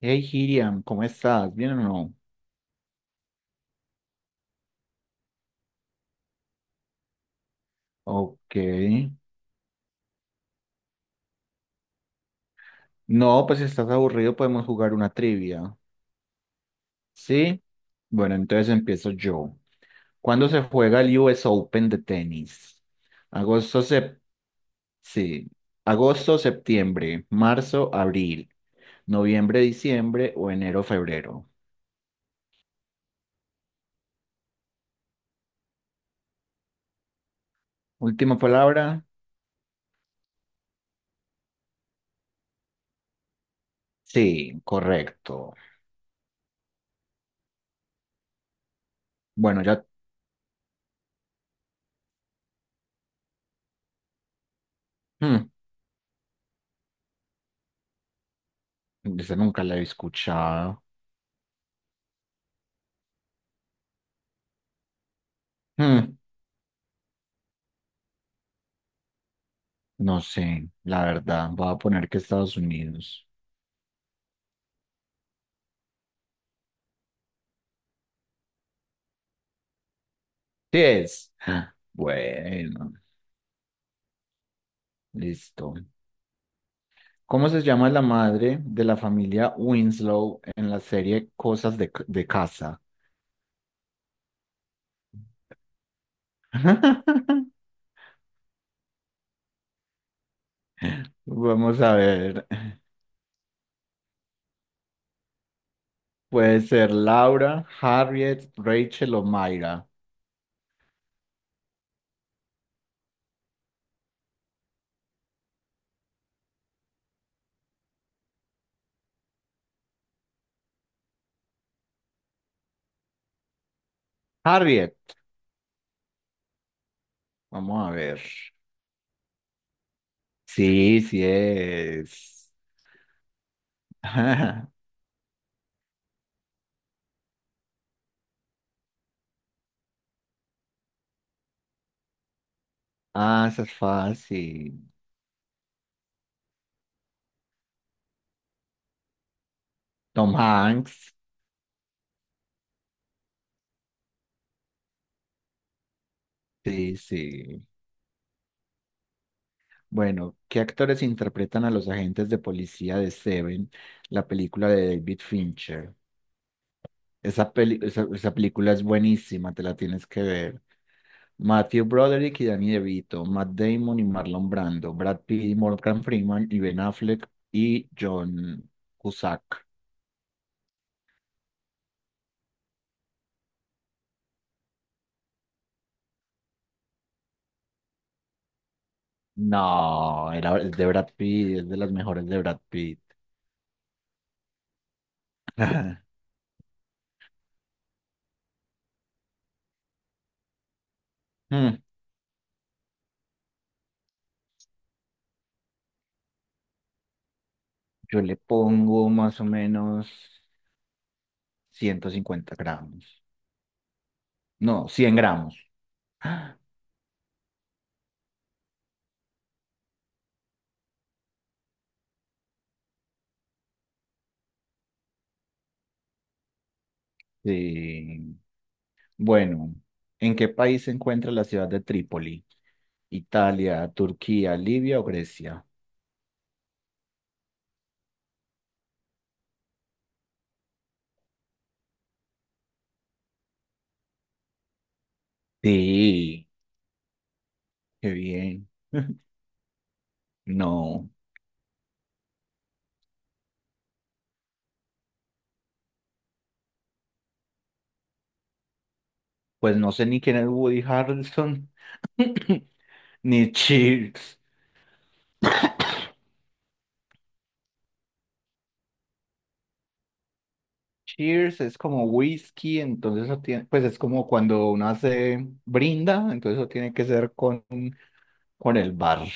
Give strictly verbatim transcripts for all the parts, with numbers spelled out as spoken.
Hey, Hiriam, ¿cómo estás? ¿Bien o no? Ok. No, pues si estás aburrido podemos jugar una trivia. ¿Sí? Bueno, entonces empiezo yo. ¿Cuándo se juega el U S Open de tenis? Agosto, sep- sí. Agosto, septiembre, marzo, abril, noviembre, diciembre o enero, febrero. Última palabra. Sí, correcto. Bueno, ya... Hmm, esa nunca la he escuchado. Hmm. No sé, la verdad, voy a poner que Estados Unidos. Sí es. Ah, bueno, listo. ¿Cómo se llama la madre de la familia Winslow en la serie Cosas de, C- de Casa? Vamos a ver. Puede ser Laura, Harriet, Rachel o Mayra. Harriet, vamos a ver. Sí, sí es. Ah, esa es fácil. Tom Hanks. Sí, sí. Bueno, ¿qué actores interpretan a los agentes de policía de Seven, la película de David Fincher? Esa, peli- esa, esa película es buenísima, te la tienes que ver. Matthew Broderick y Danny DeVito, Matt Damon y Marlon Brando, Brad Pitt y Morgan Freeman y Ben Affleck y John Cusack. No, era, es de Brad Pitt, es de las mejores de Brad Pitt. Mm, yo le pongo más o menos ciento cincuenta gramos. No, cien gramos. Sí. Bueno, ¿en qué país se encuentra la ciudad de Trípoli? ¿Italia, Turquía, Libia o Grecia? Sí, qué bien. No, pues no sé ni quién es Woody Harrelson, ni Cheers. Cheers es como whisky, entonces eso tiene, pues es como cuando uno hace brinda, entonces eso tiene que ser con, con el bar,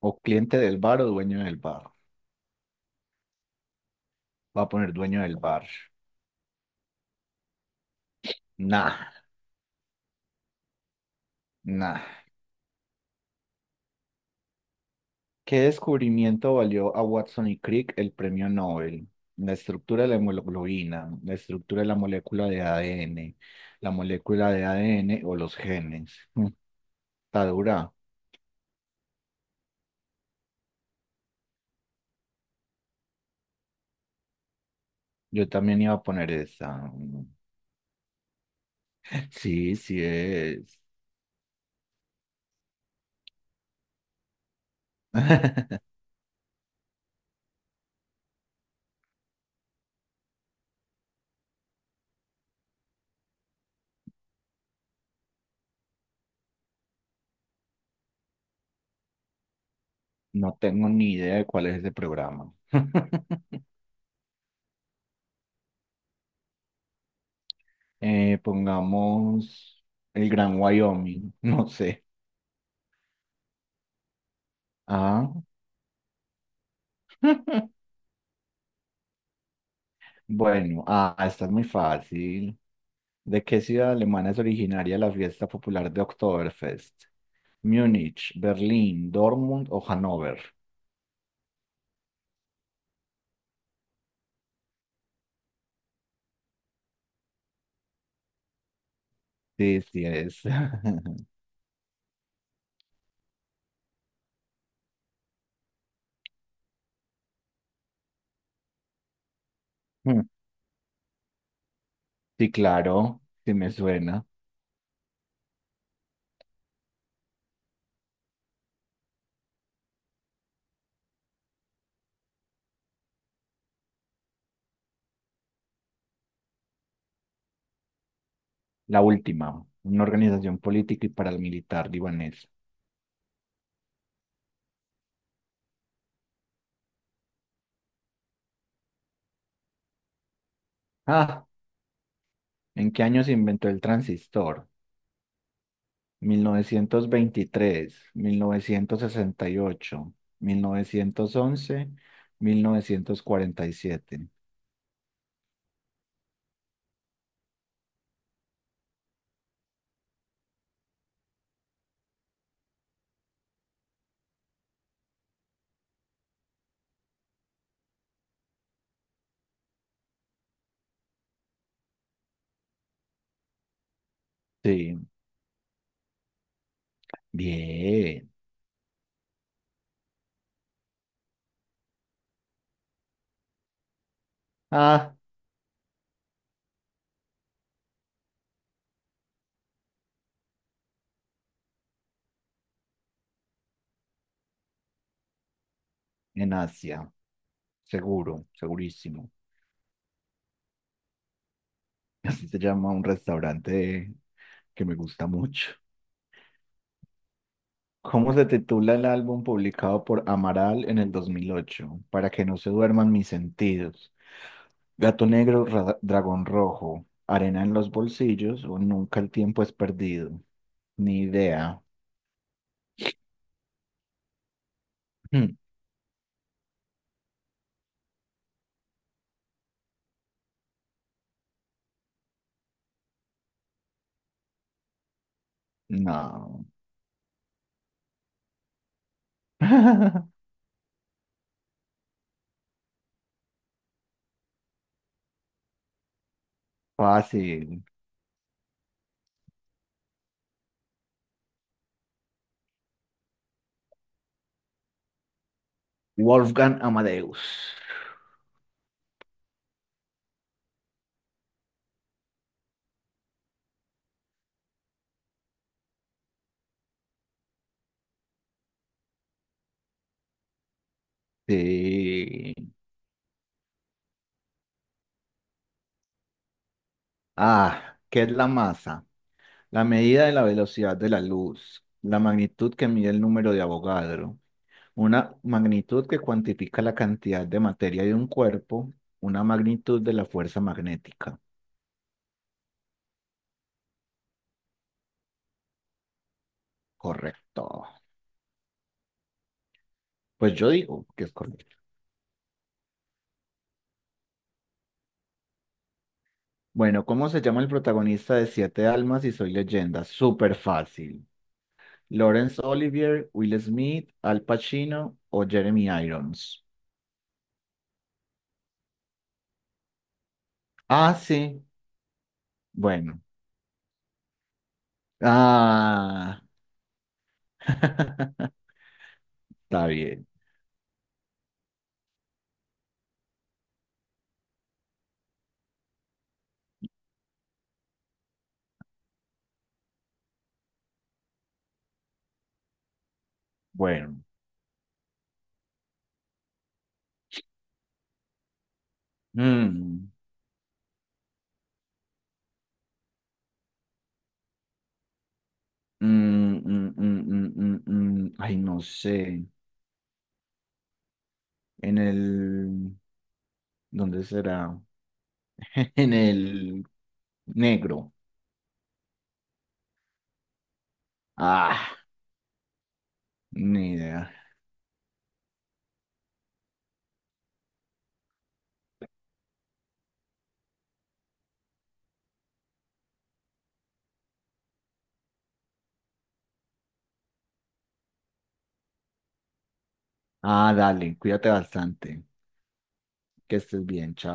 o cliente del bar o dueño del bar. Va a poner dueño del bar. Nah, nah. ¿Qué descubrimiento valió a Watson y Crick el premio Nobel? La estructura de la hemoglobina, la estructura de la molécula de A D N, la molécula de A D N o los genes. Mm. Está dura. Yo también iba a poner esa. Mm. Sí, sí es. No tengo ni idea de cuál es ese programa. Eh, pongamos el Gran Wyoming, no sé. Ah, bueno, ah, esta es muy fácil. ¿De qué ciudad alemana es originaria la fiesta popular de Oktoberfest? ¿Múnich, Berlín, Dortmund o Hannover? Sí, sí es. Mm. Sí, claro, sí me suena. La última, una organización política y paramilitar libanesa. Ah, ¿en qué año se inventó el transistor? Mil mil mil mil novecientos novecientos novecientos veintitrés, sesenta y ocho, mil novecientos once, mil novecientos cuarenta y siete. Sí, bien. Ah, en Asia. Seguro, segurísimo. Así se llama un restaurante que me gusta mucho. ¿Cómo se titula el álbum publicado por Amaral en el dos mil ocho? Para que no se duerman mis sentidos. Gato negro, ra- dragón rojo, arena en los bolsillos o nunca el tiempo es perdido. Ni idea. Hmm. No. Fácil. Wolfgang Amadeus. Sí. Ah, ¿qué es la masa? La medida de la velocidad de la luz, la magnitud que mide el número de Avogadro, una magnitud que cuantifica la cantidad de materia de un cuerpo, una magnitud de la fuerza magnética. Correcto. Pues yo digo que es correcto. Bueno, ¿cómo se llama el protagonista de Siete Almas y Soy Leyenda? Súper fácil. Laurence Olivier, Will Smith, Al Pacino o Jeremy Irons. Ah, sí. Bueno. Ah. Está bien. Bueno. Mm, mm, mm, mm, mm, mm, mm. Ay, no sé. En el... ¿Dónde será? En el negro. Ah, ni idea. Ah, dale, cuídate bastante. Que estés bien, chao.